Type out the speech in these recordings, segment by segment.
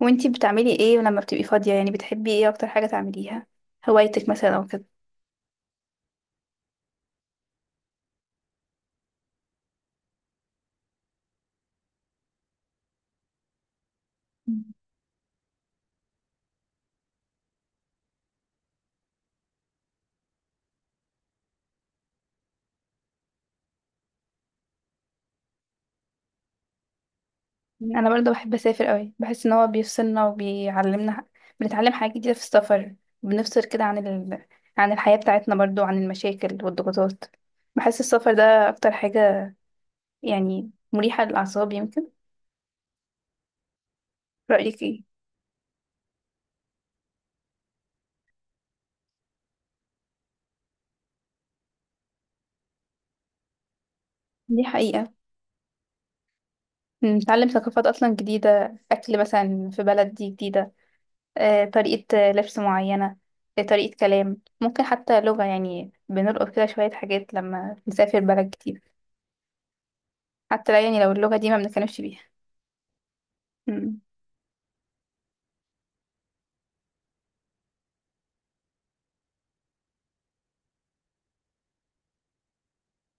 وانتي بتعملي ايه لما بتبقي فاضية، يعني بتحبي ايه اكتر حاجة تعمليها؟ هوايتك مثلا او كده؟ مم. انا برضه بحب اسافر قوي، بحس ان هو بيفصلنا وبيعلمنا بنتعلم حاجات جديدة في السفر. بنفصل كده عن عن الحياة بتاعتنا، برضه عن المشاكل والضغوطات. بحس السفر ده اكتر حاجة، يعني مريحة للاعصاب يمكن. رأيك ايه؟ دي حقيقة. بنتعلم ثقافات اصلا جديدة، اكل مثلا في بلد دي جديدة، آه، طريقة آه، لبس معينة، آه، طريقة كلام، ممكن حتى لغة، يعني بنلقط كده شوية حاجات لما نسافر بلد جديد، حتى لو يعني لو اللغة دي ما بنتكلمش بيها. مم.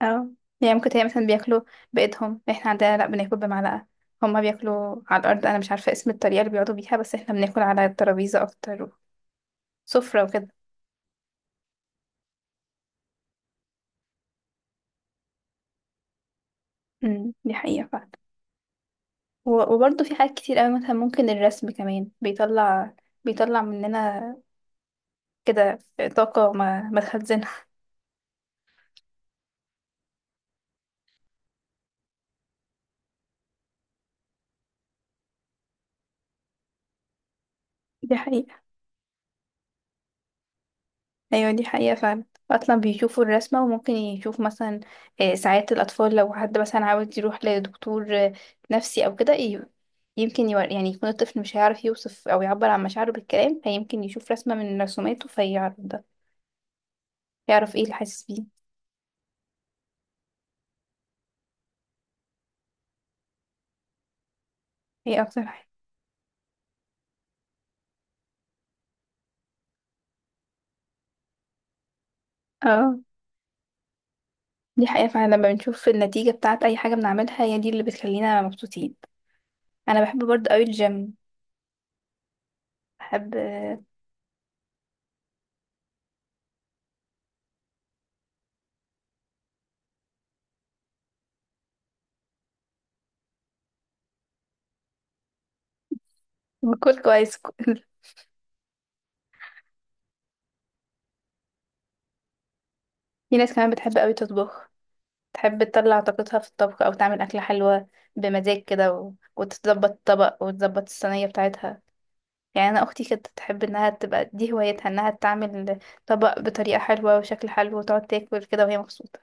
اه. يعني ممكن تلاقي مثلا بياكلوا بإيدهم، احنا عندنا لأ بناكل بمعلقة. هما بياكلوا على الأرض، أنا مش عارفة اسم الطريقة اللي بيقعدوا بيها، بس احنا بناكل على الترابيزة أكتر، سفرة وكده. مم، دي حقيقة فعلا. وبرضه في حاجات كتير أوي، مثلا ممكن الرسم كمان بيطلع، بيطلع مننا كده طاقة ما تخزنها. دي حقيقة. ايوه دي حقيقة فعلا. اصلا بيشوفوا الرسمة وممكن يشوف مثلا آه، ساعات الاطفال لو حد مثلا عاوز يروح لدكتور آه، نفسي او كده، يعني يكون الطفل مش هيعرف يوصف او يعبر عن مشاعره بالكلام، فيمكن يشوف رسمة من رسوماته فيعرف ده، يعرف ايه اللي حاسس بيه. ايه اكتر حاجة؟ اه. دي حقيقة فعلا، لما بنشوف النتيجة بتاعت اي حاجة بنعملها هي دي اللي بتخلينا مبسوطين. انا بحب برضه قوي الجيم. بحب آه، باكل كويس. في ناس كمان بتحب قوي تطبخ، تحب تطلع طاقتها في الطبخ او تعمل اكلة حلوة بمزاج كده وتظبط الطبق وتظبط الصينية بتاعتها. يعني انا اختي كانت تحب انها تبقى دي هوايتها، انها تعمل طبق بطريقة حلوة وشكل حلو وتقعد تاكل كده وهي مبسوطة.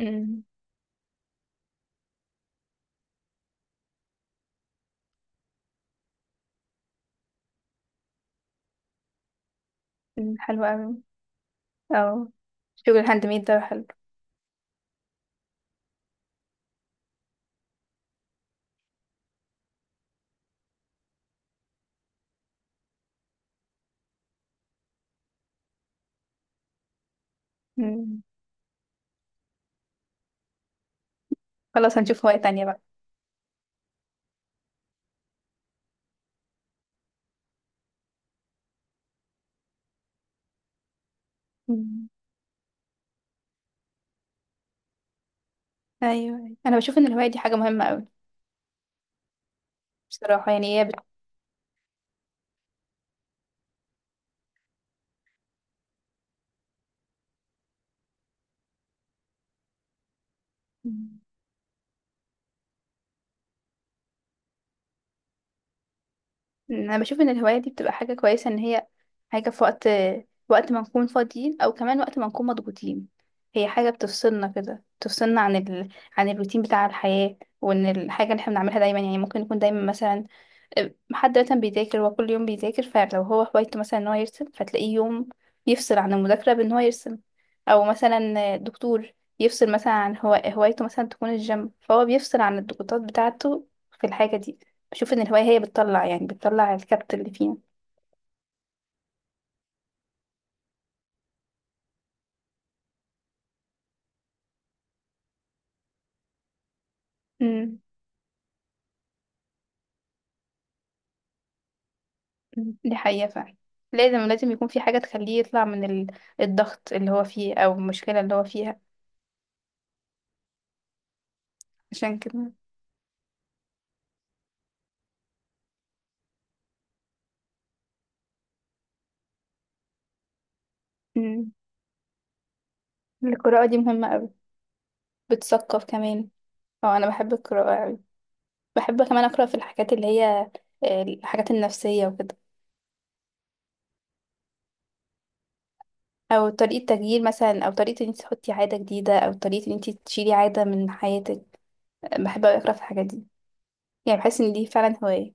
امم. أمم، حلوة اوي. او شغل الهاند ميد ده حلو. أمم. خلاص هنشوف هواية تانية بقى. أمم. ايوه أيوة. انا بشوف ان الهواية دي حاجة مهمة اوي. بصراحة يعني هي بت... انا بشوف ان الهواية دي بتبقى حاجة كويسة، ان هي حاجة في وقت، وقت ما نكون فاضيين او كمان وقت ما نكون مضغوطين. هي حاجة بتفصلنا كده، بتفصلنا عن عن الروتين بتاع الحياة. وان الحاجة اللي احنا بنعملها دايما، يعني ممكن نكون دايما مثلا حد مثلا بيذاكر، هو كل يوم بيذاكر، فلو هو هوايته مثلا ان هو يرسم فتلاقيه يوم يفصل عن المذاكرة بان هو يرسم. او مثلا دكتور يفصل مثلا عن، هو هوايته مثلا تكون الجيم، فهو بيفصل عن الضغوطات بتاعته في الحاجة دي. بشوف ان الهواية هي بتطلع يعني بتطلع الكبت اللي فينا. امم. دي حقيقة فعلا. لازم يكون في حاجة تخليه يطلع من الضغط اللي هو فيه او المشكلة اللي هو فيها. عشان كده. امم. القراءة دي مهمة أوي. بتثقف كمان. اه انا بحب القراءة أوي. بحب كمان أقرأ في الحاجات اللي هي آه، الحاجات النفسية وكده. أو طريقة تغيير مثلا، أو طريقة إن انت تحطي عادة جديدة، أو طريقة إن انت تشيلي عادة من حياتك. بحب أوي أقرأ في الحاجات دي، يعني بحس إن دي فعلا هواية.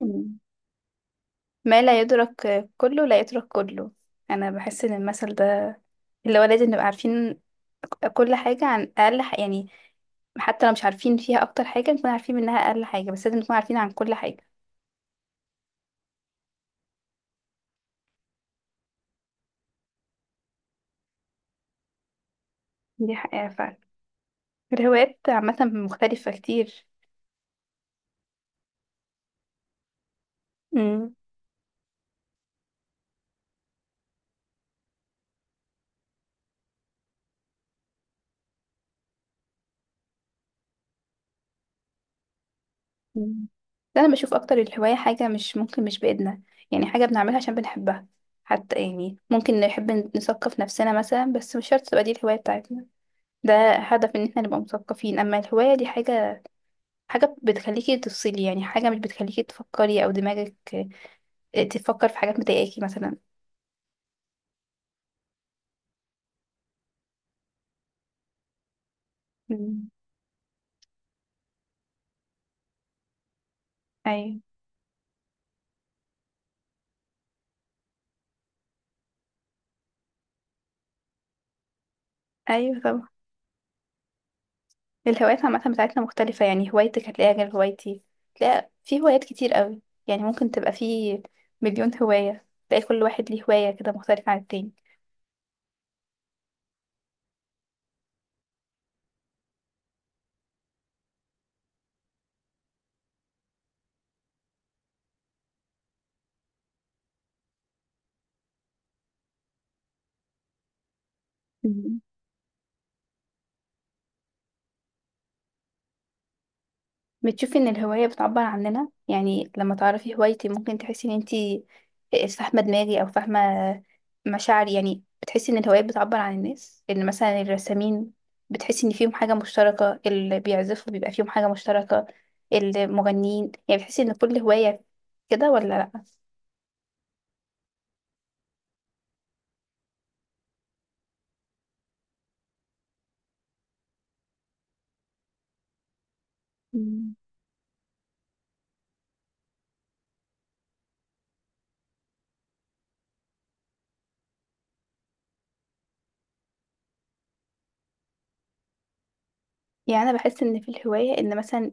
مم. ما لا يدرك كله لا يترك كله. أنا بحس إن المثل ده اللي هو لازم نبقى عارفين كل حاجة، عن أقل يعني حتى لو مش عارفين فيها أكتر حاجة نكون عارفين منها أقل حاجة، بس لازم نكون عارفين عن كل حاجة. دي حقيقة فعلا. الهوايات عامة مختلفة كتير. مم. مم. ده انا بشوف اكتر الهواية حاجة مش ممكن مش بإيدنا، يعني حاجة بنعملها عشان بنحبها. حتى يعني ممكن نحب نثقف نفسنا مثلا، بس مش شرط تبقى دي الهواية بتاعتنا. ده هدف ان احنا نبقى مثقفين. اما الهواية دي حاجة، حاجة بتخليكي تفصلي، يعني حاجة مش بتخليكي تفكري او دماغك آه، تفكر في حاجات مضايقاكي مثلا. مم. ايوه. ايوه طبعا. الهوايات عامة بتاعتنا مختلفة، يعني هوايتك هتلاقيها غير هوايتي. تلاقي في هوايات كتير قوي، يعني ممكن تبقى في مليون هواية، تلاقي كل واحد ليه هواية كده مختلفة عن التاني. مم. بتشوفي ان الهواية بتعبر عننا؟ يعني لما تعرفي هوايتي ممكن تحسي ان انتي فاهمة دماغي او فاهمة مشاعري. يعني بتحسي ان الهوايات بتعبر عن الناس، ان مثلا الرسامين بتحسي ان فيهم حاجة مشتركة، اللي بيعزفوا بيبقى فيهم حاجة مشتركة، المغنيين. يعني بتحسي ان كل هواية كده، ولا لأ؟ مم. يعني انا بحس ان في الهوايه ان مثلا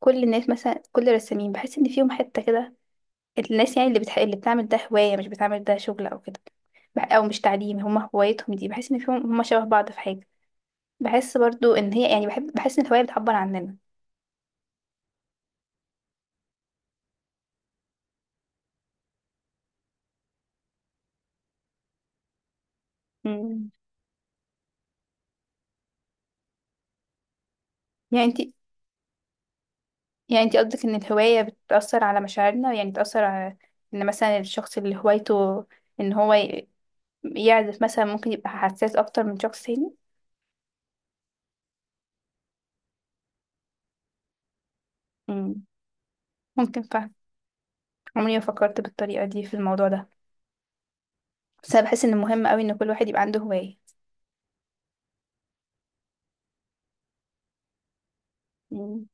كل الناس مثلا كل الرسامين بحس ان فيهم حته كده، الناس يعني اللي بتعمل ده هوايه مش بتعمل ده شغل او كده، او مش تعليم، هما هوايتهم دي، بحس ان فيهم هما شبه بعض في حاجه. بحس برضو ان هي يعني بحب، بحس ان الهوايه بتعبر عننا. مم. يعني انت يعني انت قصدك ان الهوايه بتاثر على مشاعرنا؟ يعني بتاثر على ان مثلا الشخص اللي هوايته ان هو يعزف مثلا ممكن يبقى حساس اكتر من شخص تاني. مم. ممكن. عمري ما فكرت بالطريقة دي في الموضوع ده، بس أنا بحس إن مهم أوي إن كل واحد يبقى عنده هواية. يعني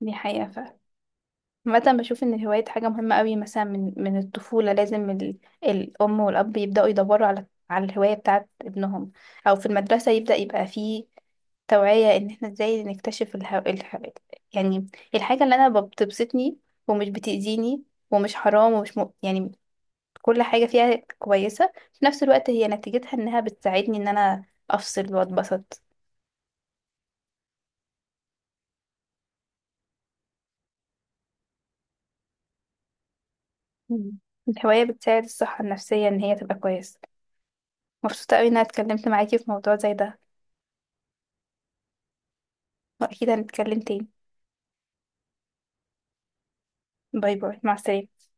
دي حقيقة فعلا. عامة بشوف إن الهواية دي حاجة مهمة أوي، مثلا من الطفولة لازم الأم والأب يبدأوا يدوروا على الهواية بتاعت ابنهم، أو في المدرسة يبدأ يبقى فيه توعية إن إحنا إزاي نكتشف يعني الحاجة اللي أنا بتبسطني، ومش بتأذيني ومش حرام ومش يعني كل حاجة فيها كويسة في نفس الوقت هي نتيجتها إنها بتساعدني إن أنا أفصل وأتبسط. مم. الهواية بتساعد الصحة النفسية إن هي تبقى كويسة. مبسوطة أوي إن أنا اتكلمت معاكي في موضوع زي ده. وأكيد هنتكلم تاني. باي باي، مع السلامة.